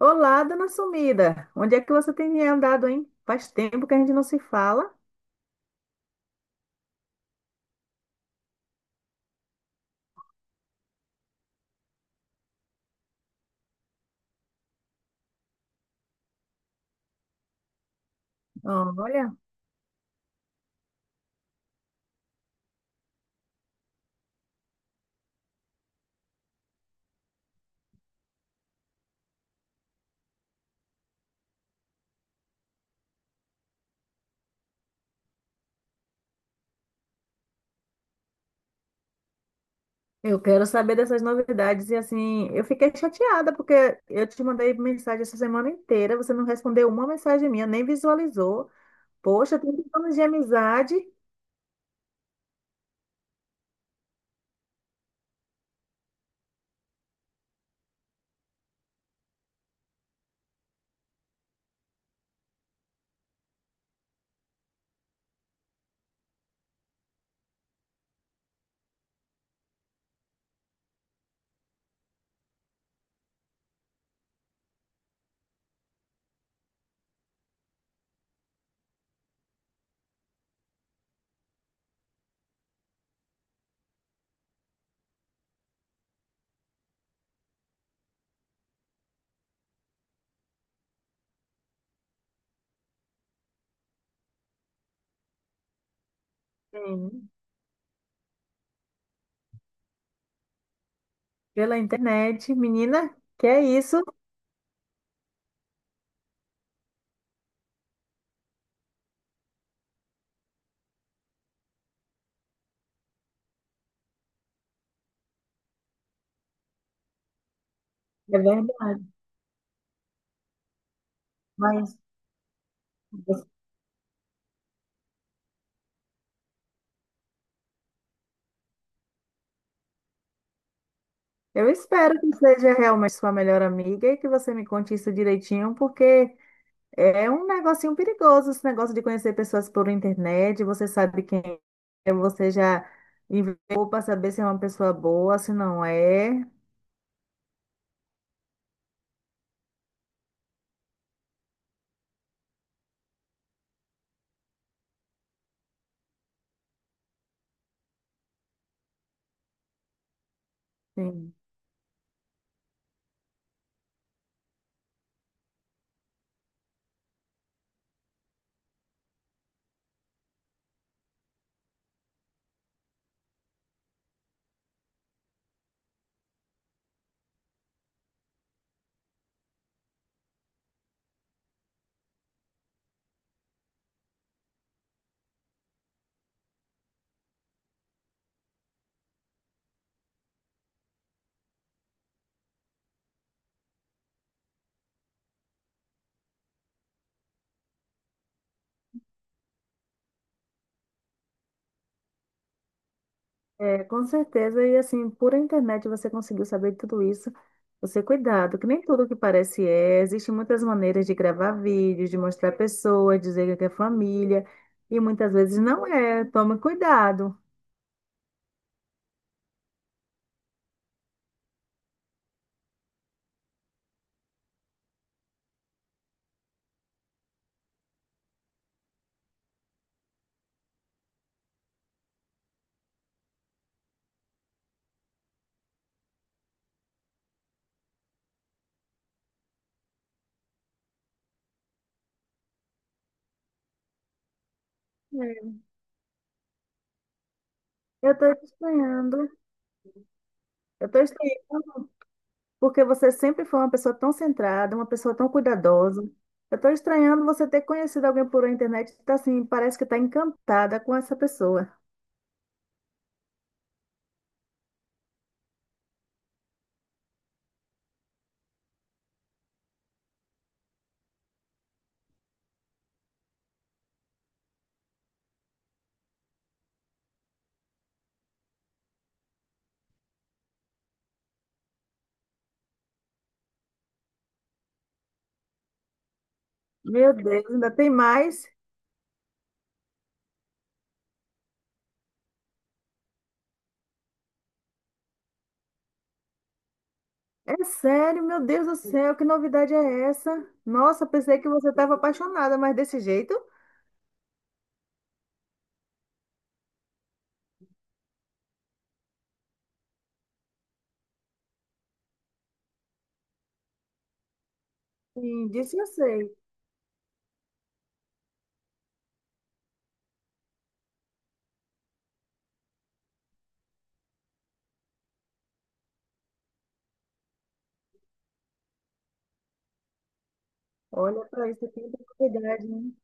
Olá, dona Sumida. Onde é que você tem andado, hein? Faz tempo que a gente não se fala. Olha, eu quero saber dessas novidades e assim, eu fiquei chateada porque eu te mandei mensagem essa semana inteira, você não respondeu uma mensagem minha, nem visualizou. Poxa, tem anos de amizade. Sim. Pela internet, menina, que é isso? É verdade. Mas eu espero que seja realmente sua melhor amiga e que você me conte isso direitinho, porque é um negocinho perigoso esse negócio de conhecer pessoas por internet. Você sabe quem é, você já enviou para saber se é uma pessoa boa, se não é. Sim. É, com certeza. E assim, por internet você conseguiu saber tudo isso. Você cuidado, que nem tudo que parece é. Existem muitas maneiras de gravar vídeos, de mostrar pessoas, dizer que é família. E muitas vezes não é. Tome cuidado. É. Eu estou estranhando. Eu estou estranhando, porque você sempre foi uma pessoa tão centrada, uma pessoa tão cuidadosa. Eu estou estranhando você ter conhecido alguém por internet que tá assim, parece que está encantada com essa pessoa. Meu Deus, ainda tem mais? É sério, meu Deus do céu, que novidade é essa? Nossa, pensei que você estava apaixonada, mas desse jeito? Sim, disso eu sei. Olha para isso, quanta novidade, hein?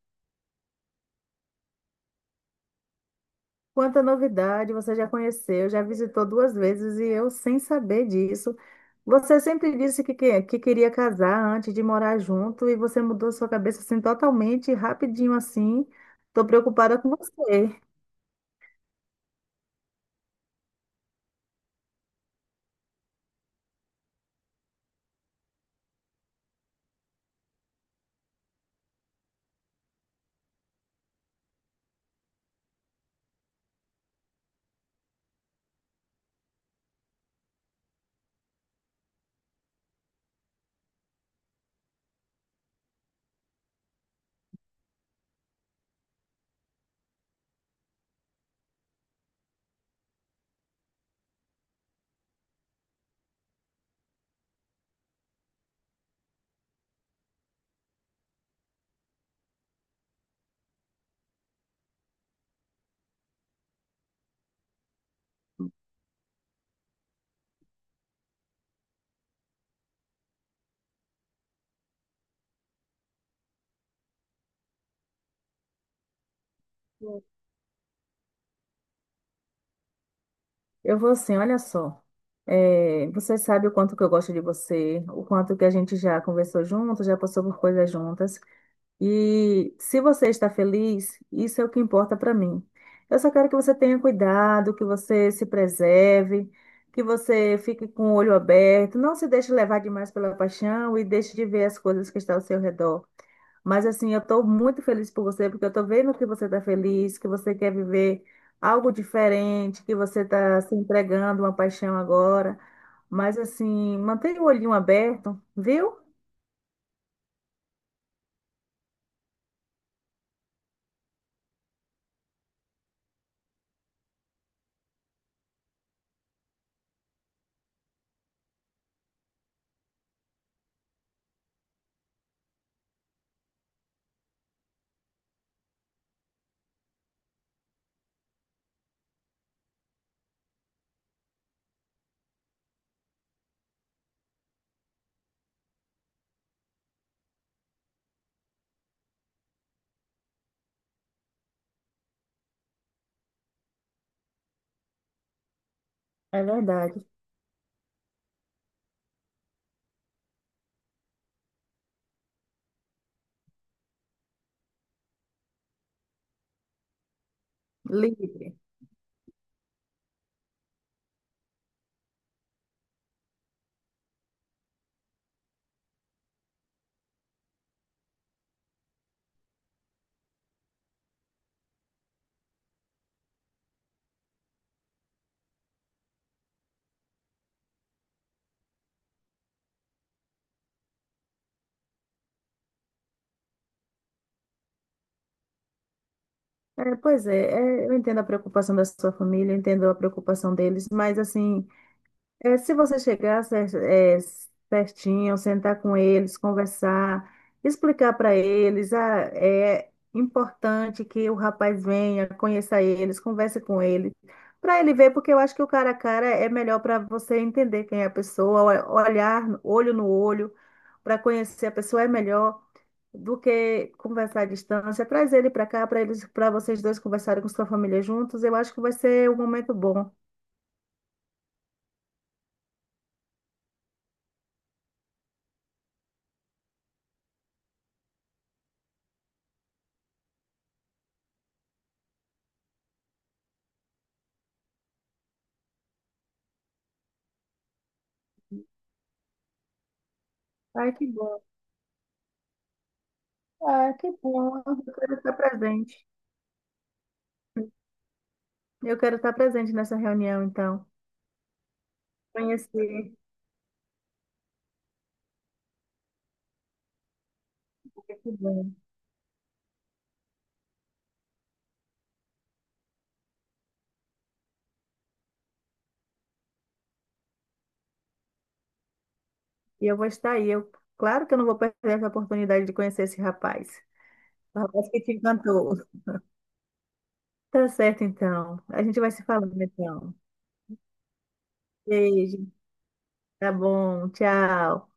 Quanta novidade, você já conheceu, já visitou duas vezes e eu sem saber disso. Você sempre disse que queria casar antes de morar junto e você mudou sua cabeça assim totalmente, rapidinho assim. Tô preocupada com você. Eu vou assim, olha só. É, você sabe o quanto que eu gosto de você, o quanto que a gente já conversou junto, já passou por coisas juntas. E se você está feliz, isso é o que importa para mim. Eu só quero que você tenha cuidado, que você se preserve, que você fique com o olho aberto, não se deixe levar demais pela paixão e deixe de ver as coisas que estão ao seu redor. Mas assim, eu estou muito feliz por você, porque eu estou vendo que você está feliz, que você quer viver algo diferente, que você está se entregando a uma paixão agora. Mas assim, mantenha o olhinho aberto, viu? É verdade. Livre. É, pois é, é, eu entendo a preocupação da sua família, eu entendo a preocupação deles, mas assim, é, se você chegar cer- é, certinho, sentar com eles, conversar, explicar para eles, ah, é importante que o rapaz venha, conheça eles, converse com ele, para ele ver, porque eu acho que o cara a cara é melhor para você entender quem é a pessoa, o- olhar olho no olho, para conhecer a pessoa é melhor do que conversar à distância. Traz ele para cá, para eles, para vocês dois conversarem com sua família juntos, eu acho que vai ser um momento bom. Ai, que bom. Ah, que bom. Eu quero estar presente. Eu quero estar presente nessa reunião, então. Conhecer. Que bom. E eu vou estar aí. Eu, claro que eu não vou perder essa oportunidade de conhecer esse rapaz. O rapaz que te encantou. Tá certo, então. A gente vai se falando, então. Beijo. Tá bom. Tchau.